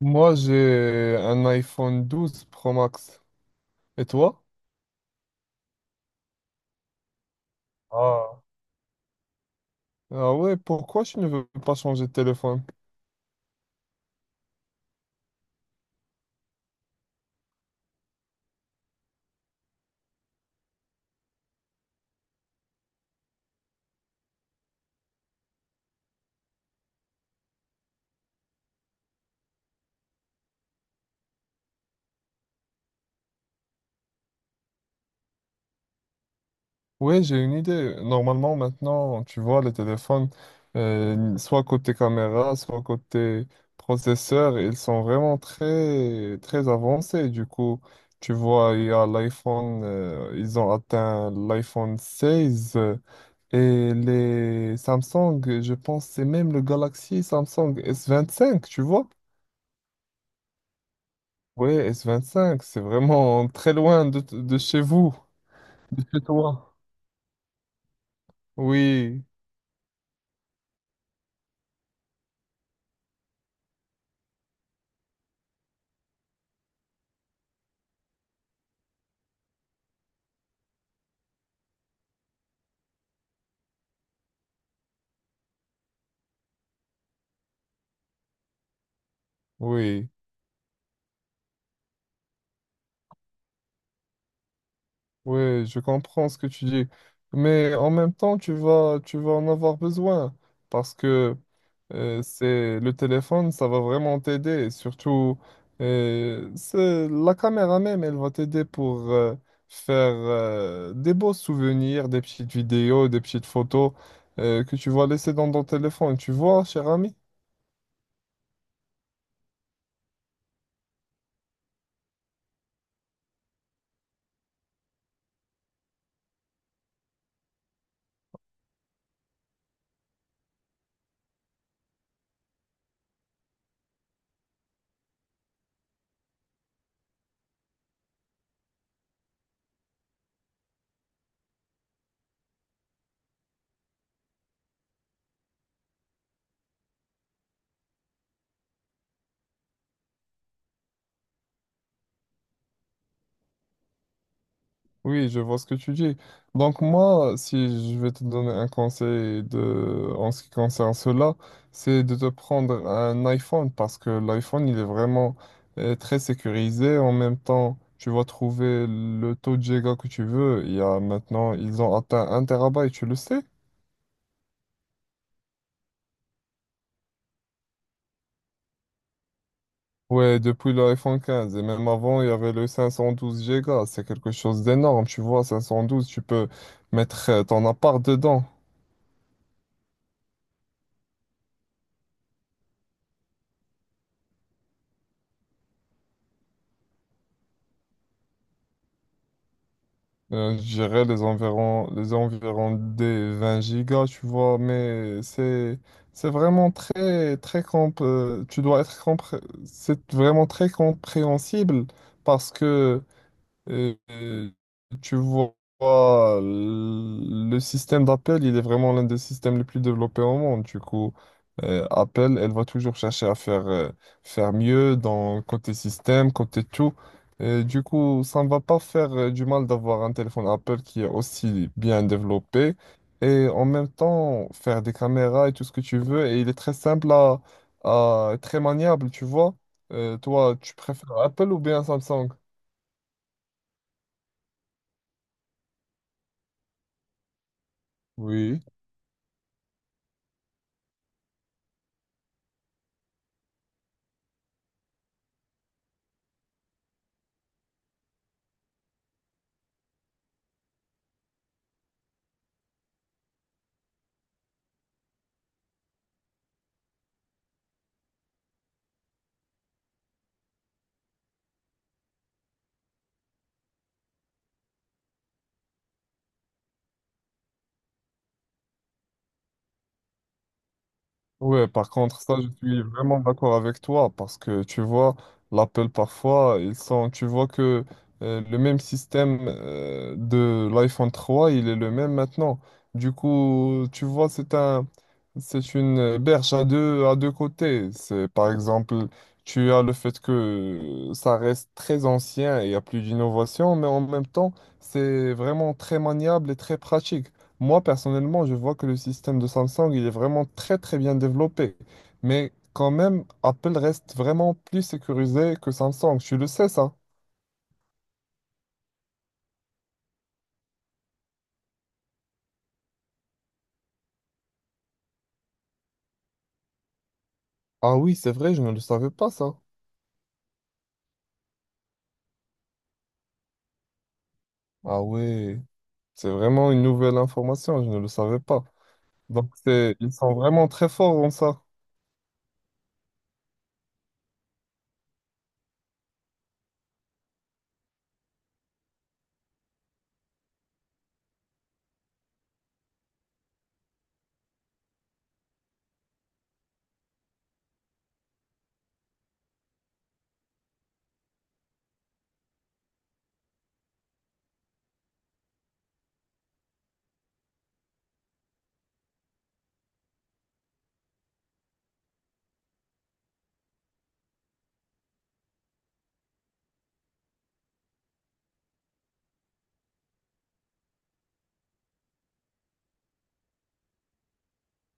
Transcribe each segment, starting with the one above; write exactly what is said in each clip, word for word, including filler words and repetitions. Moi, j'ai un iPhone douze Pro Max. Et toi? Ah. Ah ouais, pourquoi tu ne veux pas changer de téléphone? Oui, j'ai une idée. Normalement, maintenant, tu vois, les téléphones, euh, soit côté caméra, soit côté processeur, ils sont vraiment très, très avancés. Du coup, tu vois, il y a l'iPhone, euh, ils ont atteint l'iPhone seize euh, et les Samsung, je pense, c'est même le Galaxy Samsung S vingt-cinq, tu vois? Ouais, S vingt-cinq, c'est vraiment très loin de, t- de chez vous. De chez toi. Oui, oui, oui, je comprends ce que tu dis. Mais en même temps, tu vas, tu vas en avoir besoin parce que euh, c'est le téléphone, ça va vraiment t'aider. Surtout, euh, c'est la caméra même, elle va t'aider pour euh, faire euh, des beaux souvenirs, des petites vidéos, des petites photos euh, que tu vas laisser dans ton téléphone. Tu vois, cher ami? Oui, je vois ce que tu dis. Donc moi, si je vais te donner un conseil de, en ce qui concerne cela, c'est de te prendre un iPhone parce que l'iPhone, il est vraiment euh, très sécurisé. En même temps, tu vas trouver le taux de giga que tu veux. Il y a maintenant, ils ont atteint un terabyte, tu le sais? Ouais, depuis l'iPhone quinze. Et même avant, il y avait le cinq cent douze giga. C'est quelque chose d'énorme. Tu vois, cinq cent douze, tu peux mettre euh, ton appart dedans. Euh, je dirais les environs, les environs des vingt gigas, tu vois, mais c'est, c'est vraiment très, très comp- euh, tu dois être compré- c'est vraiment très compréhensible parce que et- et tu vois, le système d'Apple, il est vraiment l'un des systèmes les plus développés au monde. Du coup, euh, Apple, elle va toujours chercher à faire, euh, faire mieux dans côté système, côté tout. Et du coup, ça ne va pas faire euh, du mal d'avoir un téléphone Apple qui est aussi bien développé et en même temps faire des caméras et tout ce que tu veux. Et il est très simple à, à- très maniable, tu vois. Euh, toi, tu préfères Apple ou bien Samsung? Oui. Ouais, par contre, ça, je suis vraiment d'accord avec toi parce que tu vois, l'Apple parfois, ils sont, tu vois que euh, le même système euh, de l'iPhone trois, il est le même maintenant. Du coup, tu vois, c'est un, c'est une berge à deux, à deux côtés. C'est, par exemple, tu as le fait que ça reste très ancien et il y a plus d'innovation, mais en même temps, c'est vraiment très maniable et très pratique. Moi, personnellement, je vois que le système de Samsung, il est vraiment très, très bien développé. Mais quand même, Apple reste vraiment plus sécurisé que Samsung. Tu le sais, ça? Ah oui, c'est vrai, je ne le savais pas, ça. Ah oui, c'est vraiment une nouvelle information, je ne le savais pas. Donc, c'est, ils sont vraiment très forts en ça.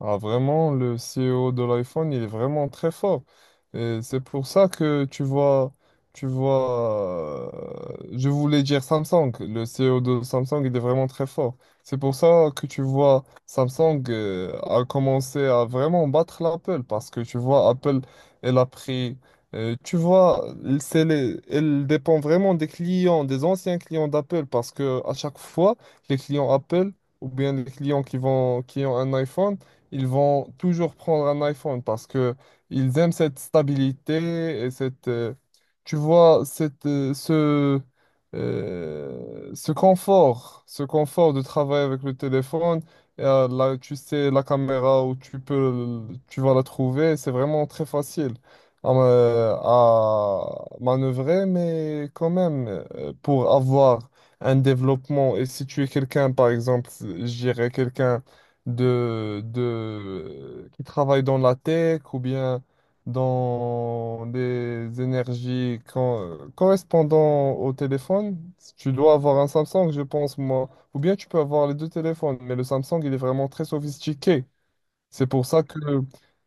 Ah, vraiment, le C E O de l'iPhone, il est vraiment très fort. Et c'est pour ça que tu vois, tu vois, euh, je voulais dire Samsung. Le C E O de Samsung, il est vraiment très fort. C'est pour ça que tu vois, Samsung, euh, a commencé à vraiment battre l'Apple parce que tu vois, Apple, elle a pris, euh, tu vois, c'est les- elle dépend vraiment des clients, des anciens clients d'Apple parce que à chaque fois, les clients Apple ou bien les clients qui vont, qui ont un iPhone, ils vont toujours prendre un iPhone parce que ils aiment cette stabilité et cette, euh, tu vois, cette, euh, ce, euh, ce confort, ce confort de travailler avec le téléphone. Et, euh, là, tu sais, la caméra où tu peux, tu vas la trouver, c'est vraiment très facile à, ma- à manœuvrer, mais quand même, euh, pour avoir un développement, et si tu es quelqu'un, par exemple, je dirais quelqu'un de, de, qui travaillent dans la tech ou bien dans des énergies con- correspondant au téléphone. Tu dois avoir un Samsung, je pense, moi. Ou bien tu peux avoir les deux téléphones, mais le Samsung, il est vraiment très sophistiqué. C'est pour ça que,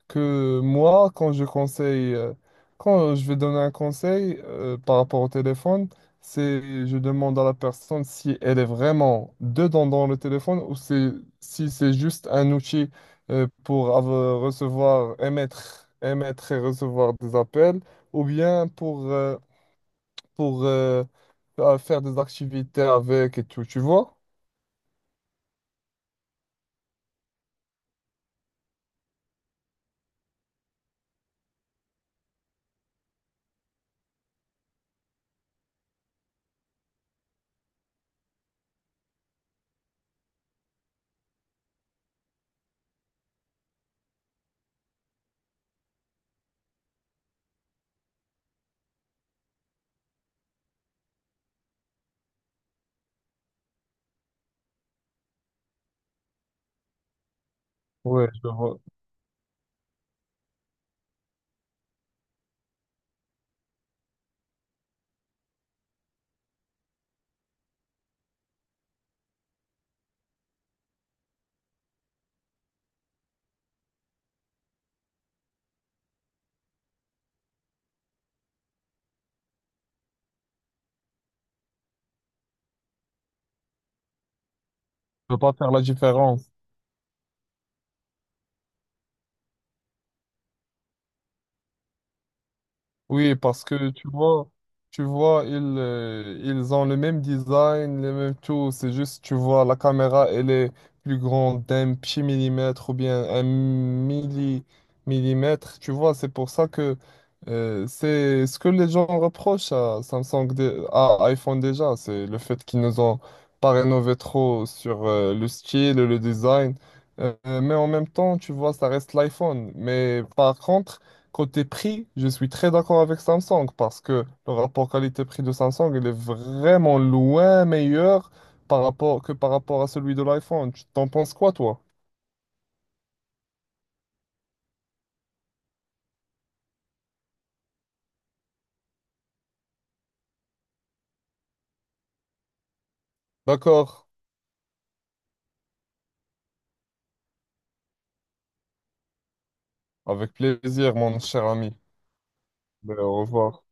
que moi, quand je conseille, euh, quand je vais donner un conseil euh, par rapport au téléphone, c'est je demande à la personne si elle est vraiment dedans dans le téléphone ou c'est, si c'est juste un outil euh, pour avoir- recevoir, émettre, émettre et recevoir des appels ou bien pour, euh, pour euh, faire des activités avec et tout, tu vois? Ouais, je vois. Je peux pas faire la différence. Oui, parce que tu vois, tu vois, ils, euh, ils ont le même design, les mêmes tout. C'est juste, tu vois, la caméra, elle est plus grande d'un petit millimètre ou bien un milli millimètre. Tu vois, c'est pour ça que euh, c'est ce que les gens reprochent à Samsung, dé- à iPhone déjà, c'est le fait qu'ils nous ont pas rénové trop sur euh, le style et le design. Euh, mais en même temps, tu vois, ça reste l'iPhone. Mais par contre, côté prix, je suis très d'accord avec Samsung parce que le rapport qualité-prix de Samsung, il est vraiment loin meilleur par rapport, que par rapport à celui de l'iPhone. Tu t'en penses quoi, toi? D'accord. Avec plaisir, mon cher ami. Ben, au revoir.